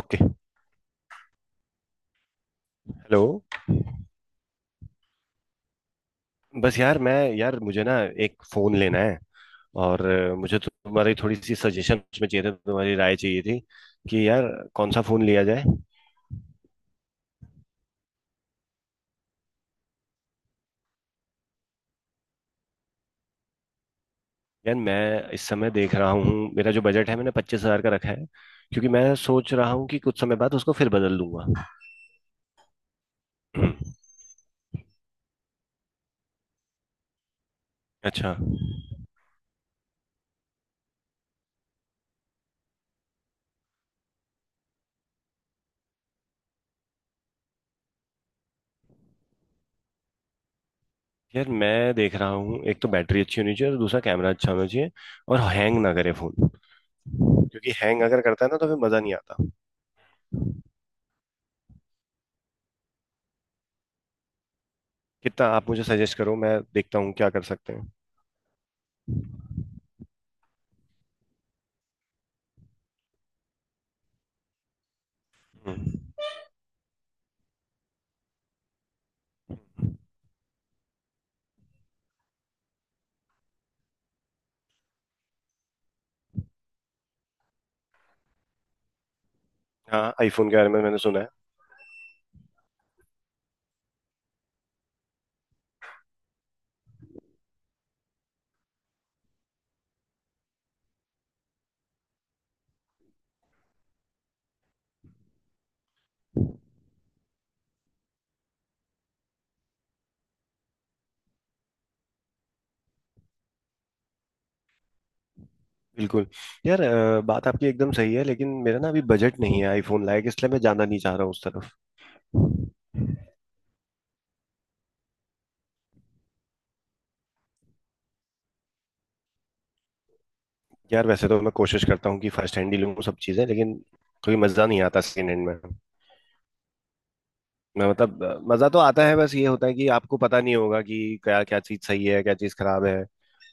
Okay. Hello. बस यार, मैं, यार, मुझे ना एक फोन लेना है। और मुझे तो तुम्हारी थोड़ी सी सजेशन उसमें चाहिए था, तुम्हारी राय चाहिए थी कि यार, कौन सा फोन लिया जाए। यार, मैं इस समय देख रहा हूँ मेरा जो बजट है, मैंने 25,000 का रखा है क्योंकि मैं सोच रहा हूँ कि कुछ समय बाद उसको फिर बदल दूंगा। हम्म। अच्छा। यार, मैं देख रहा हूँ, एक तो बैटरी अच्छी होनी चाहिए और दूसरा कैमरा अच्छा होना चाहिए, और हैंग ना करे फोन, क्योंकि हैंग अगर करता है ना तो फिर मजा नहीं आता। कितना आप मुझे सजेस्ट करो, मैं देखता हूँ क्या कर सकते हैं। हम्म। हाँ, आईफोन के बारे में मैंने सुना है। बिल्कुल। यार, बात आपकी एकदम सही है, लेकिन मेरा ना अभी बजट नहीं है आईफोन लायक, इसलिए मैं जाना नहीं चाह रहा हूँ उस तरफ। यार, वैसे तो मैं कोशिश करता हूँ कि फर्स्ट हैंड ही लूँ सब चीज़ें, लेकिन कोई मज़ा नहीं आता सेकेंड हैंड में। मैं मतलब मज़ा तो आता है, बस ये होता है कि आपको पता नहीं होगा कि क्या क्या चीज़ सही है, क्या चीज़ खराब है।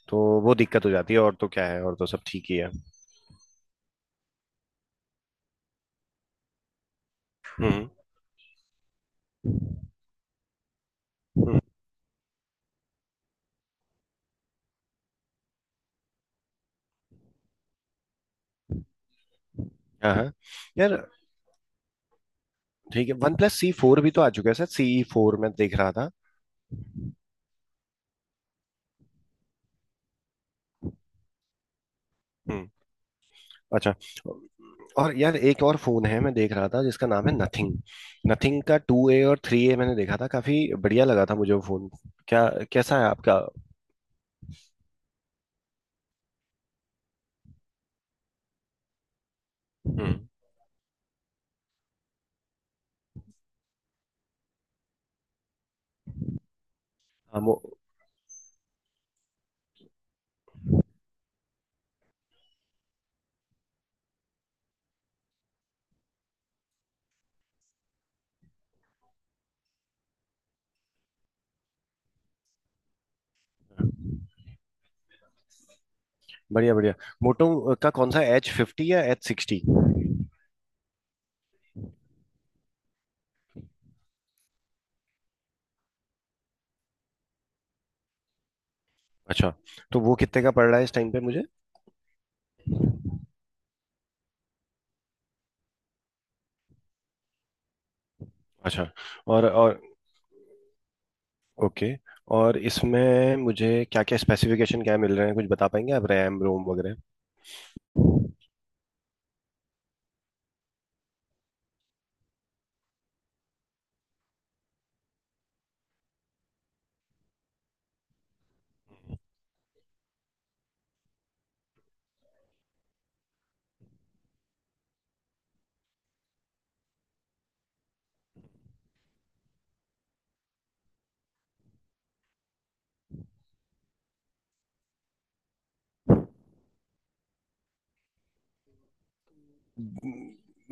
तो वो दिक्कत हो जाती है, और तो क्या है, और तो सब ठीक ही है। हम्म। हम्म। हाँ। हाँ। यार, ठीक है। वन प्लस सी फोर भी तो आ चुका है। सर, सी फोर मैं देख रहा था। हम्म। अच्छा। और यार, एक और फोन है, मैं देख रहा था, जिसका नाम है नथिंग। नथिंग का टू ए और थ्री ए मैंने देखा था, काफी बढ़िया लगा था मुझे वो फोन। क्या कैसा है आपका? हम्म। हाँ, बढ़िया बढ़िया। मोटो का कौन सा, एच फिफ्टी या एच सिक्सटी? अच्छा, तो वो कितने का पड़ रहा है इस टाइम पे मुझे? अच्छा। और ओके। और इसमें मुझे क्या क्या स्पेसिफिकेशन क्या मिल रहे हैं, कुछ बता पाएंगे आप, रैम रोम वगैरह?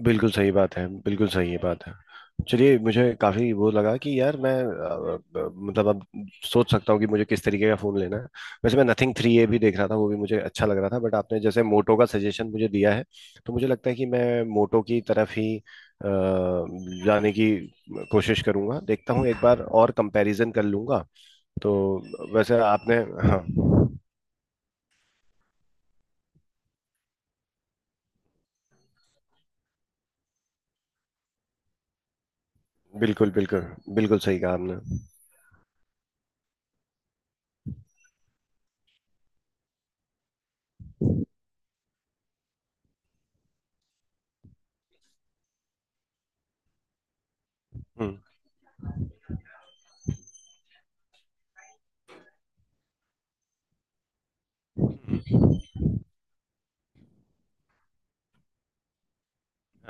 बिल्कुल सही बात है, बिल्कुल सही है बात है। चलिए, मुझे काफी वो लगा कि यार मैं मतलब अब सोच सकता हूँ कि मुझे किस तरीके का फोन लेना है। वैसे मैं नथिंग थ्री ए भी देख रहा था, वो भी मुझे अच्छा लग रहा था, बट आपने जैसे मोटो का सजेशन मुझे दिया है, तो मुझे लगता है कि मैं मोटो की तरफ ही जाने की कोशिश करूंगा। देखता हूँ एक बार और कंपैरिजन कर लूंगा। तो वैसे आपने, हाँ, बिल्कुल बिल्कुल। बिल्कुल सही कहा आपने। हम्म।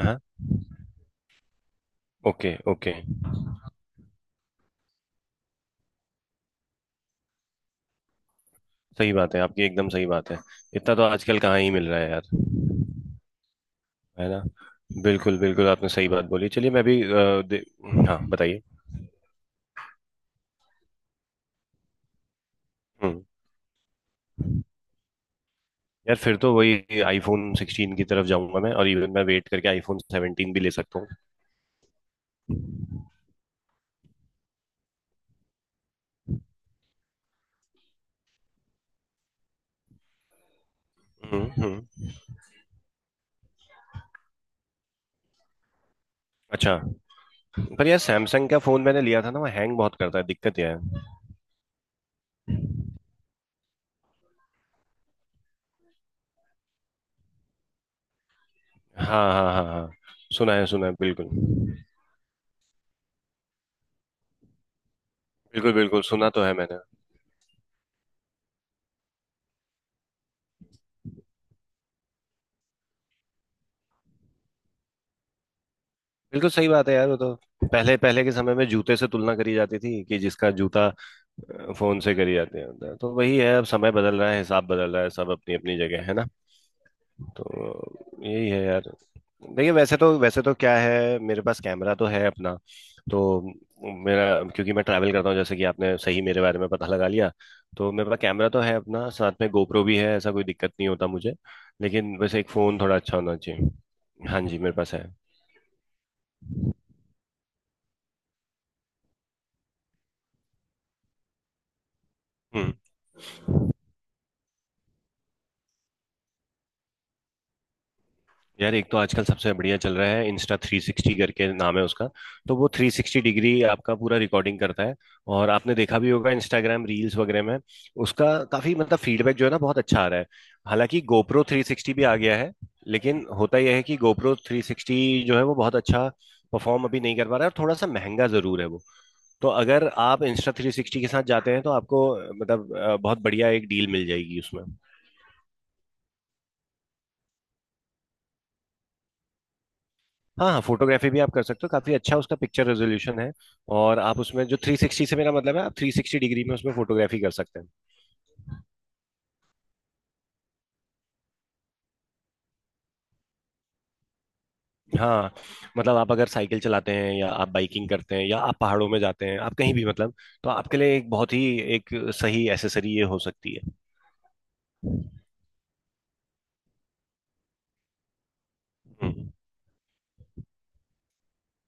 हाँ। ओके। ओके। सही बात है आपकी, एकदम सही बात है। इतना तो आजकल कहाँ ही मिल रहा है यार, है ना? बिल्कुल बिल्कुल, आपने सही बात बोली। चलिए, मैं भी हाँ, बताइए। हम्म। यार, फिर तो वही आईफोन 16 की तरफ जाऊंगा मैं, और इवन मैं वेट करके आईफोन 17 भी ले सकता हूँ। हम्म। हम्म। अच्छा। पर यार, सैमसंग का फोन मैंने लिया था ना, वो हैंग बहुत करता है, दिक्कत यह है। हाँ, हाँ, हाँ, हाँ। सुना है, सुना है, बिल्कुल बिल्कुल। बिल्कुल सुना तो है मैंने। बिल्कुल सही बात है यार। वो तो पहले पहले के समय में जूते से तुलना करी जाती थी, कि जिसका जूता, फोन से करी जाती है, तो वही है। अब समय बदल रहा है, हिसाब बदल रहा है, सब अपनी अपनी जगह है, ना? तो यही है यार। देखिए, वैसे तो क्या है, मेरे पास कैमरा तो है अपना। तो मेरा, क्योंकि मैं ट्रैवल करता हूँ, जैसे कि आपने सही मेरे बारे में पता लगा लिया। तो मेरे पास कैमरा तो है अपना, साथ में गोप्रो भी है, ऐसा कोई दिक्कत नहीं होता मुझे। लेकिन वैसे एक फ़ोन थोड़ा अच्छा होना चाहिए। हाँ जी, मेरे पास है। हम्म। यार, एक तो आजकल सबसे बढ़िया चल रहा है, इंस्टा 360 करके नाम है उसका। तो वो 360 डिग्री आपका पूरा रिकॉर्डिंग करता है। और आपने देखा भी होगा इंस्टाग्राम रील्स वगैरह में। उसका काफी मतलब फीडबैक जो है ना, बहुत अच्छा आ रहा है। हालांकि गोप्रो 360 भी आ गया है, लेकिन होता यह है कि गोप्रो 360 जो है, वो बहुत अच्छा परफॉर्म अभी नहीं कर पा रहा है, और थोड़ा सा महंगा जरूर है वो। तो अगर आप इंस्टा 360 के साथ जाते हैं, तो आपको मतलब बहुत बढ़िया एक डील मिल जाएगी उसमें। हाँ हाँ, फोटोग्राफी भी आप कर सकते हो, काफी अच्छा उसका पिक्चर रेजोल्यूशन है। और आप उसमें जो 360 से मेरा मतलब है, आप 360 डिग्री में उसमें फोटोग्राफी कर सकते हैं। हाँ, मतलब आप अगर साइकिल चलाते हैं या आप बाइकिंग करते हैं या आप पहाड़ों में जाते हैं, आप कहीं भी, मतलब, तो आपके लिए एक बहुत ही एक सही एसेसरी ये हो सकती है। हम्म।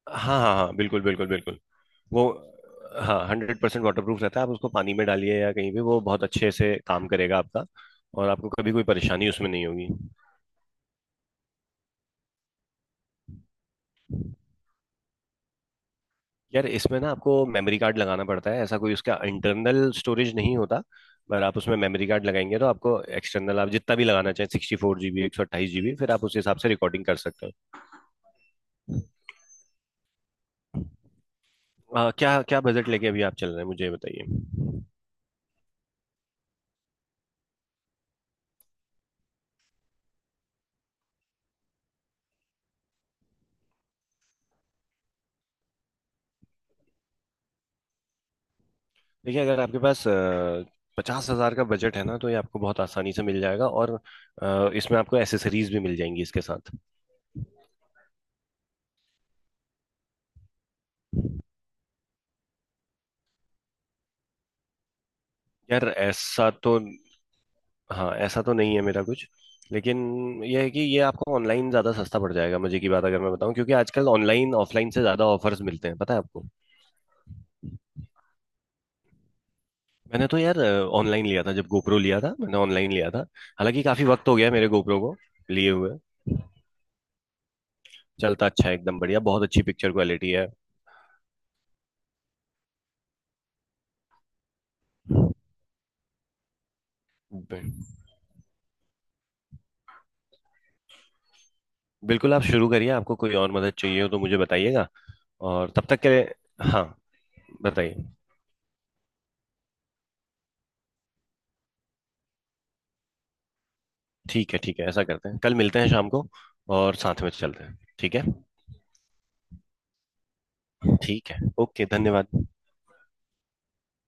हाँ, हाँ, हाँ, बिल्कुल बिल्कुल बिल्कुल। वो, हाँ, 100% वाटर प्रूफ रहता है, आप उसको पानी में डालिए या कहीं भी, वो बहुत अच्छे से काम करेगा आपका, और आपको कभी कोई परेशानी उसमें नहीं होगी। यार, इसमें ना आपको मेमोरी कार्ड लगाना पड़ता है, ऐसा कोई उसका इंटरनल स्टोरेज नहीं होता। पर आप उसमें मेमोरी कार्ड लगाएंगे, तो आपको एक्सटर्नल आप जितना भी लगाना चाहें, 64 जीबी, 128 जीबी, फिर आप उस हिसाब से रिकॉर्डिंग कर सकते हो। क्या क्या बजट लेके अभी आप चल रहे हैं, मुझे ये बताइए। देखिए, अगर आपके पास 50,000 का बजट है ना, तो ये आपको बहुत आसानी से मिल जाएगा, और इसमें आपको एसेसरीज भी मिल जाएंगी इसके साथ। यार ऐसा तो, हाँ ऐसा तो नहीं है मेरा कुछ, लेकिन यह है कि ये आपको ऑनलाइन ज़्यादा सस्ता पड़ जाएगा, मुझे की बात अगर मैं बताऊं, क्योंकि आजकल ऑनलाइन ऑफलाइन से ज़्यादा ऑफर्स मिलते हैं, पता है आपको? मैंने तो यार ऑनलाइन लिया था, जब गोप्रो लिया था मैंने ऑनलाइन लिया था। हालांकि काफ़ी वक्त हो गया मेरे गोप्रो को लिए हुए, चलता अच्छा है एकदम बढ़िया, बहुत अच्छी पिक्चर क्वालिटी है। ब- बिल्कुल आप शुरू करिए, आपको कोई और मदद चाहिए हो तो मुझे बताइएगा। और तब तक के लिए, हाँ, बताइए। ठीक है ठीक है, ऐसा करते हैं, कल मिलते हैं शाम को, और साथ में चलते हैं, ठीक है? ठीक है, ओके, धन्यवाद।